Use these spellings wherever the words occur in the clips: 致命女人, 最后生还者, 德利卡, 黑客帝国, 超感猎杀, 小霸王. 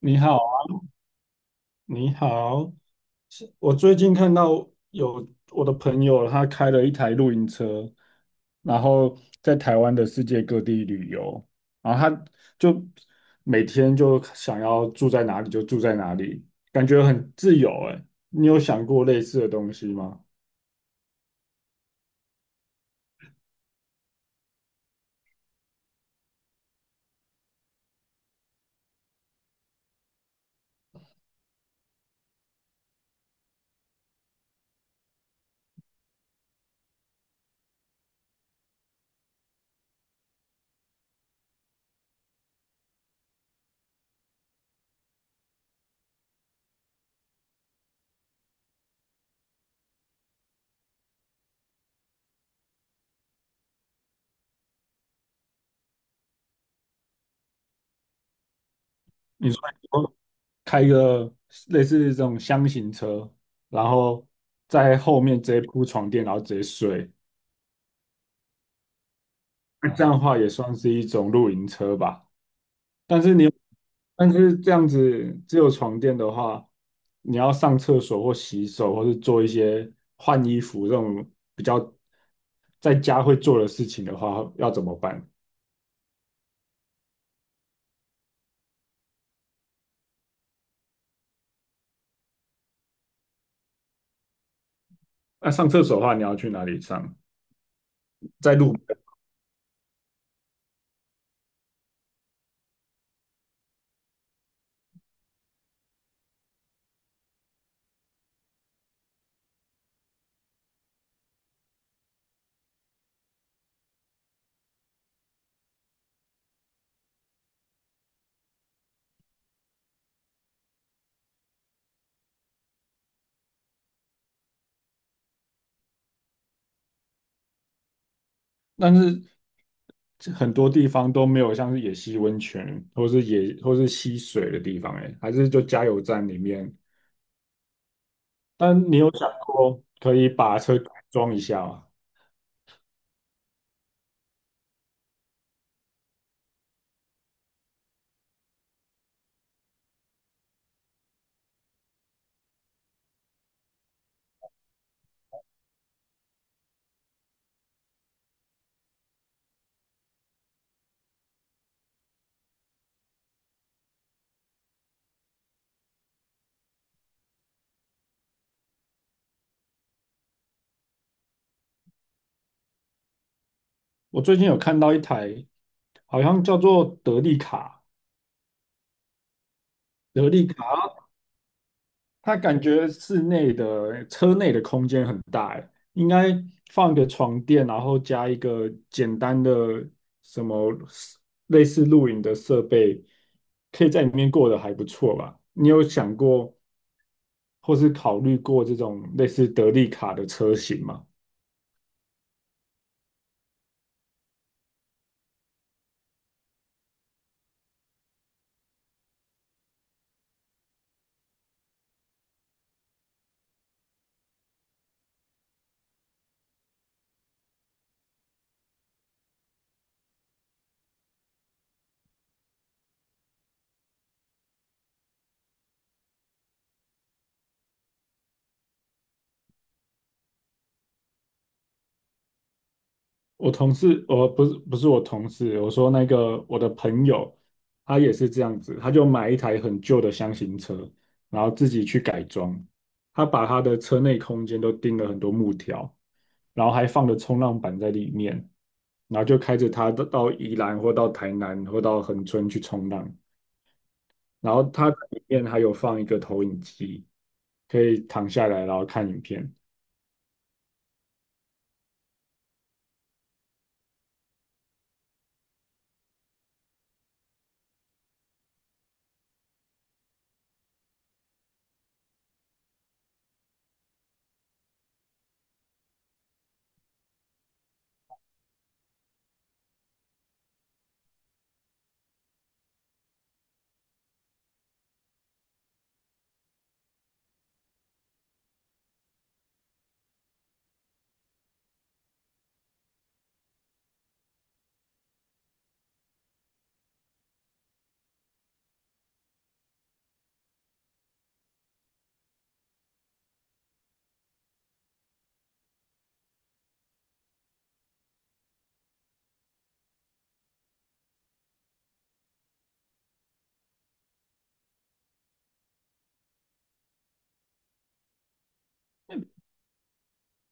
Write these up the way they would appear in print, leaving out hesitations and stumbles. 你好，你好，是我最近看到有我的朋友，他开了一台露营车，然后在台湾的世界各地旅游，然后就每天就想要住在哪里就住在哪里，感觉很自由哎。你有想过类似的东西吗？你说以后开一个类似这种箱型车，然后在后面直接铺床垫，然后直接睡，那这样的话也算是一种露营车吧？但是你，但是这样子只有床垫的话，你要上厕所或洗手，或是做一些换衣服这种比较在家会做的事情的话，要怎么办？那、上厕所的话，你要去哪里上？在路边，但是这很多地方都没有像是野溪温泉，或是溪水的地方、欸，还是就加油站里面。但你有想过可以把车改装一下吗？我最近有看到一台，好像叫做德利卡，德利卡，它感觉室内的车内的空间很大，欸应该放个床垫，然后加一个简单的什么类似露营的设备，可以在里面过得还不错吧？你有想过或是考虑过这种类似德利卡的车型吗？我同事，我不是不是我同事，我说那个我的朋友，他也是这样子，他就买一台很旧的箱型车，然后自己去改装，他把他的车内空间都钉了很多木条，然后还放了冲浪板在里面，然后就开着他到宜兰或到台南或到恒春去冲浪，然后他里面还有放一个投影机，可以躺下来然后看影片。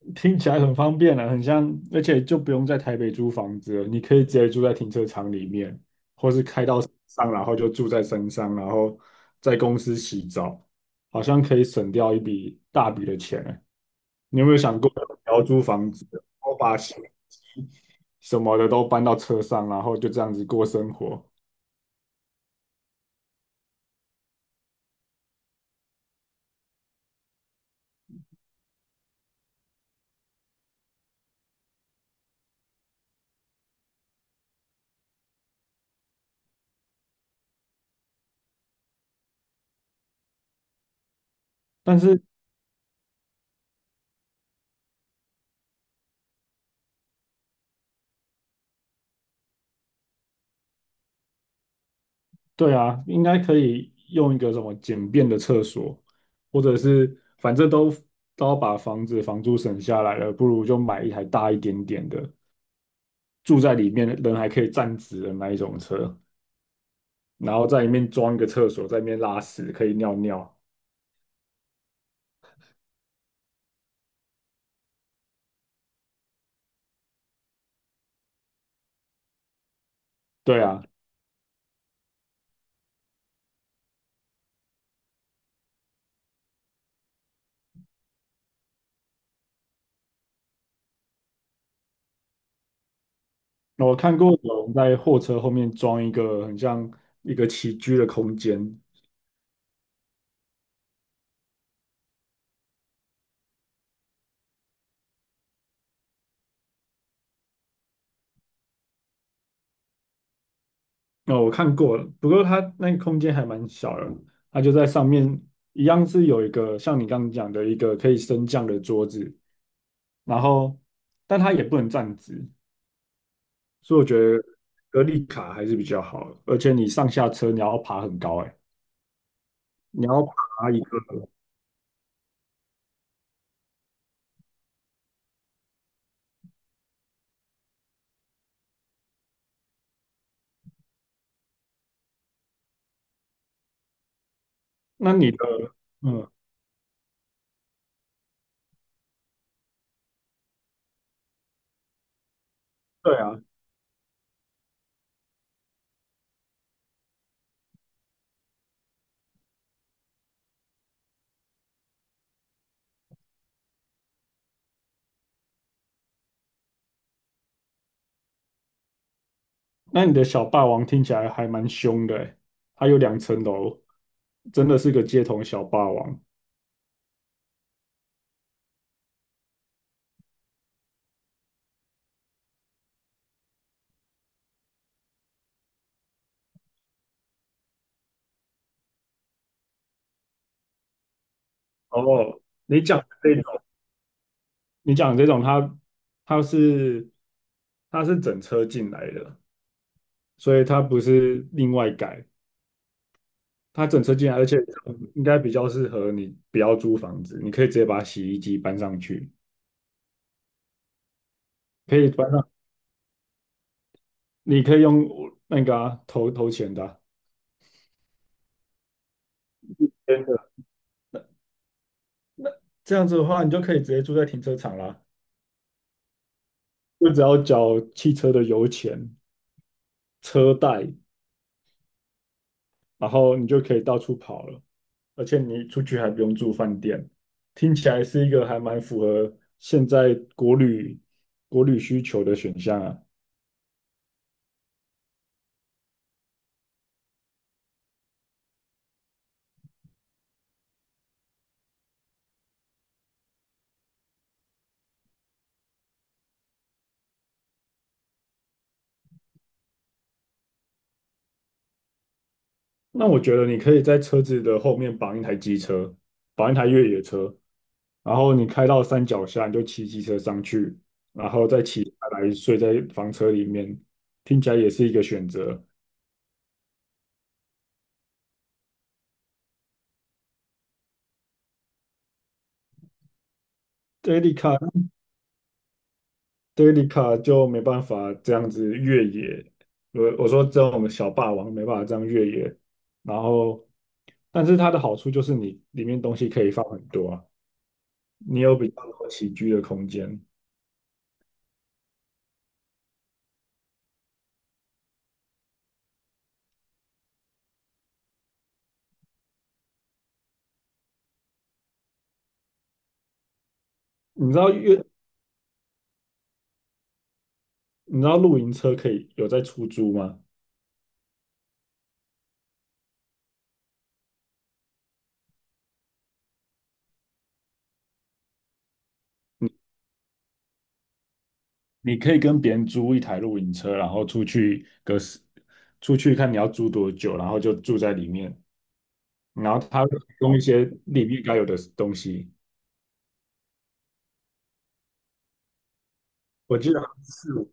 听起来很方便啊，很像，而且就不用在台北租房子了，你可以直接住在停车场里面，或是开到山上，然后就住在山上，然后在公司洗澡，好像可以省掉一笔大笔的钱欸。你有没有想过不要租房子，我把洗衣机什么的都搬到车上，然后就这样子过生活？但是对啊，应该可以用一个什么简便的厕所，或者是反正都都要把房子房租省下来了，不如就买一台大一点点的，住在里面人还可以站直的那一种车，然后在里面装一个厕所，在里面拉屎可以尿尿。对啊，那我看过有人在货车后面装一个很像一个起居的空间。哦，我看过了，不过它那个空间还蛮小的，它就在上面，一样是有一个像你刚刚讲的一个可以升降的桌子，然后但它也不能站直，所以我觉得格力卡还是比较好的而且你上下车你要爬很高，哎，你要爬一个，那你的，嗯，对啊，那你的小霸王听起来还蛮凶的，哎，它有两层楼，真的是个街头小霸王。哦，你讲的这种。你讲这种它它是整车进来的，所以它不是另外改，它整车进来，而且应该比较适合你不要租房子，你可以直接把洗衣机搬上去，可以搬上，你可以用那个啊投钱的啊。真的这样子的话，你就可以直接住在停车场啦，就只要缴汽车的油钱、车贷，然后你就可以到处跑了，而且你出去还不用住饭店，听起来是一个还蛮符合现在国旅需求的选项啊。那我觉得你可以在车子的后面绑一台机车，绑一台越野车，然后你开到山脚下，你就骑机车上去，然后再骑下来睡在房车里面，听起来也是一个选择。这 e d 卡德里卡就没办法这样子越野，我说这种小霸王没办法这样越野，然后，但是它的好处就是你里面东西可以放很多啊，你有比较多起居的空间。你知道越你知道露营车可以有在出租吗？你可以跟别人租一台露营车，然后出去个十，出去看你要租多久，然后就住在里面，然后它会提供一些里面该有的东西。我记得好像是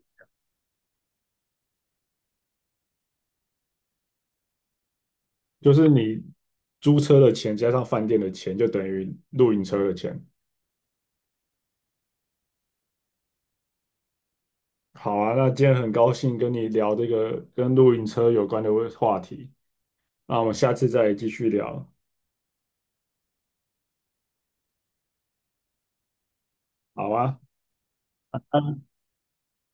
就是你租车的钱加上饭店的钱，就等于露营车的钱。好啊，那今天很高兴跟你聊这个跟露营车有关的话题，那我们下次再继续聊，好啊。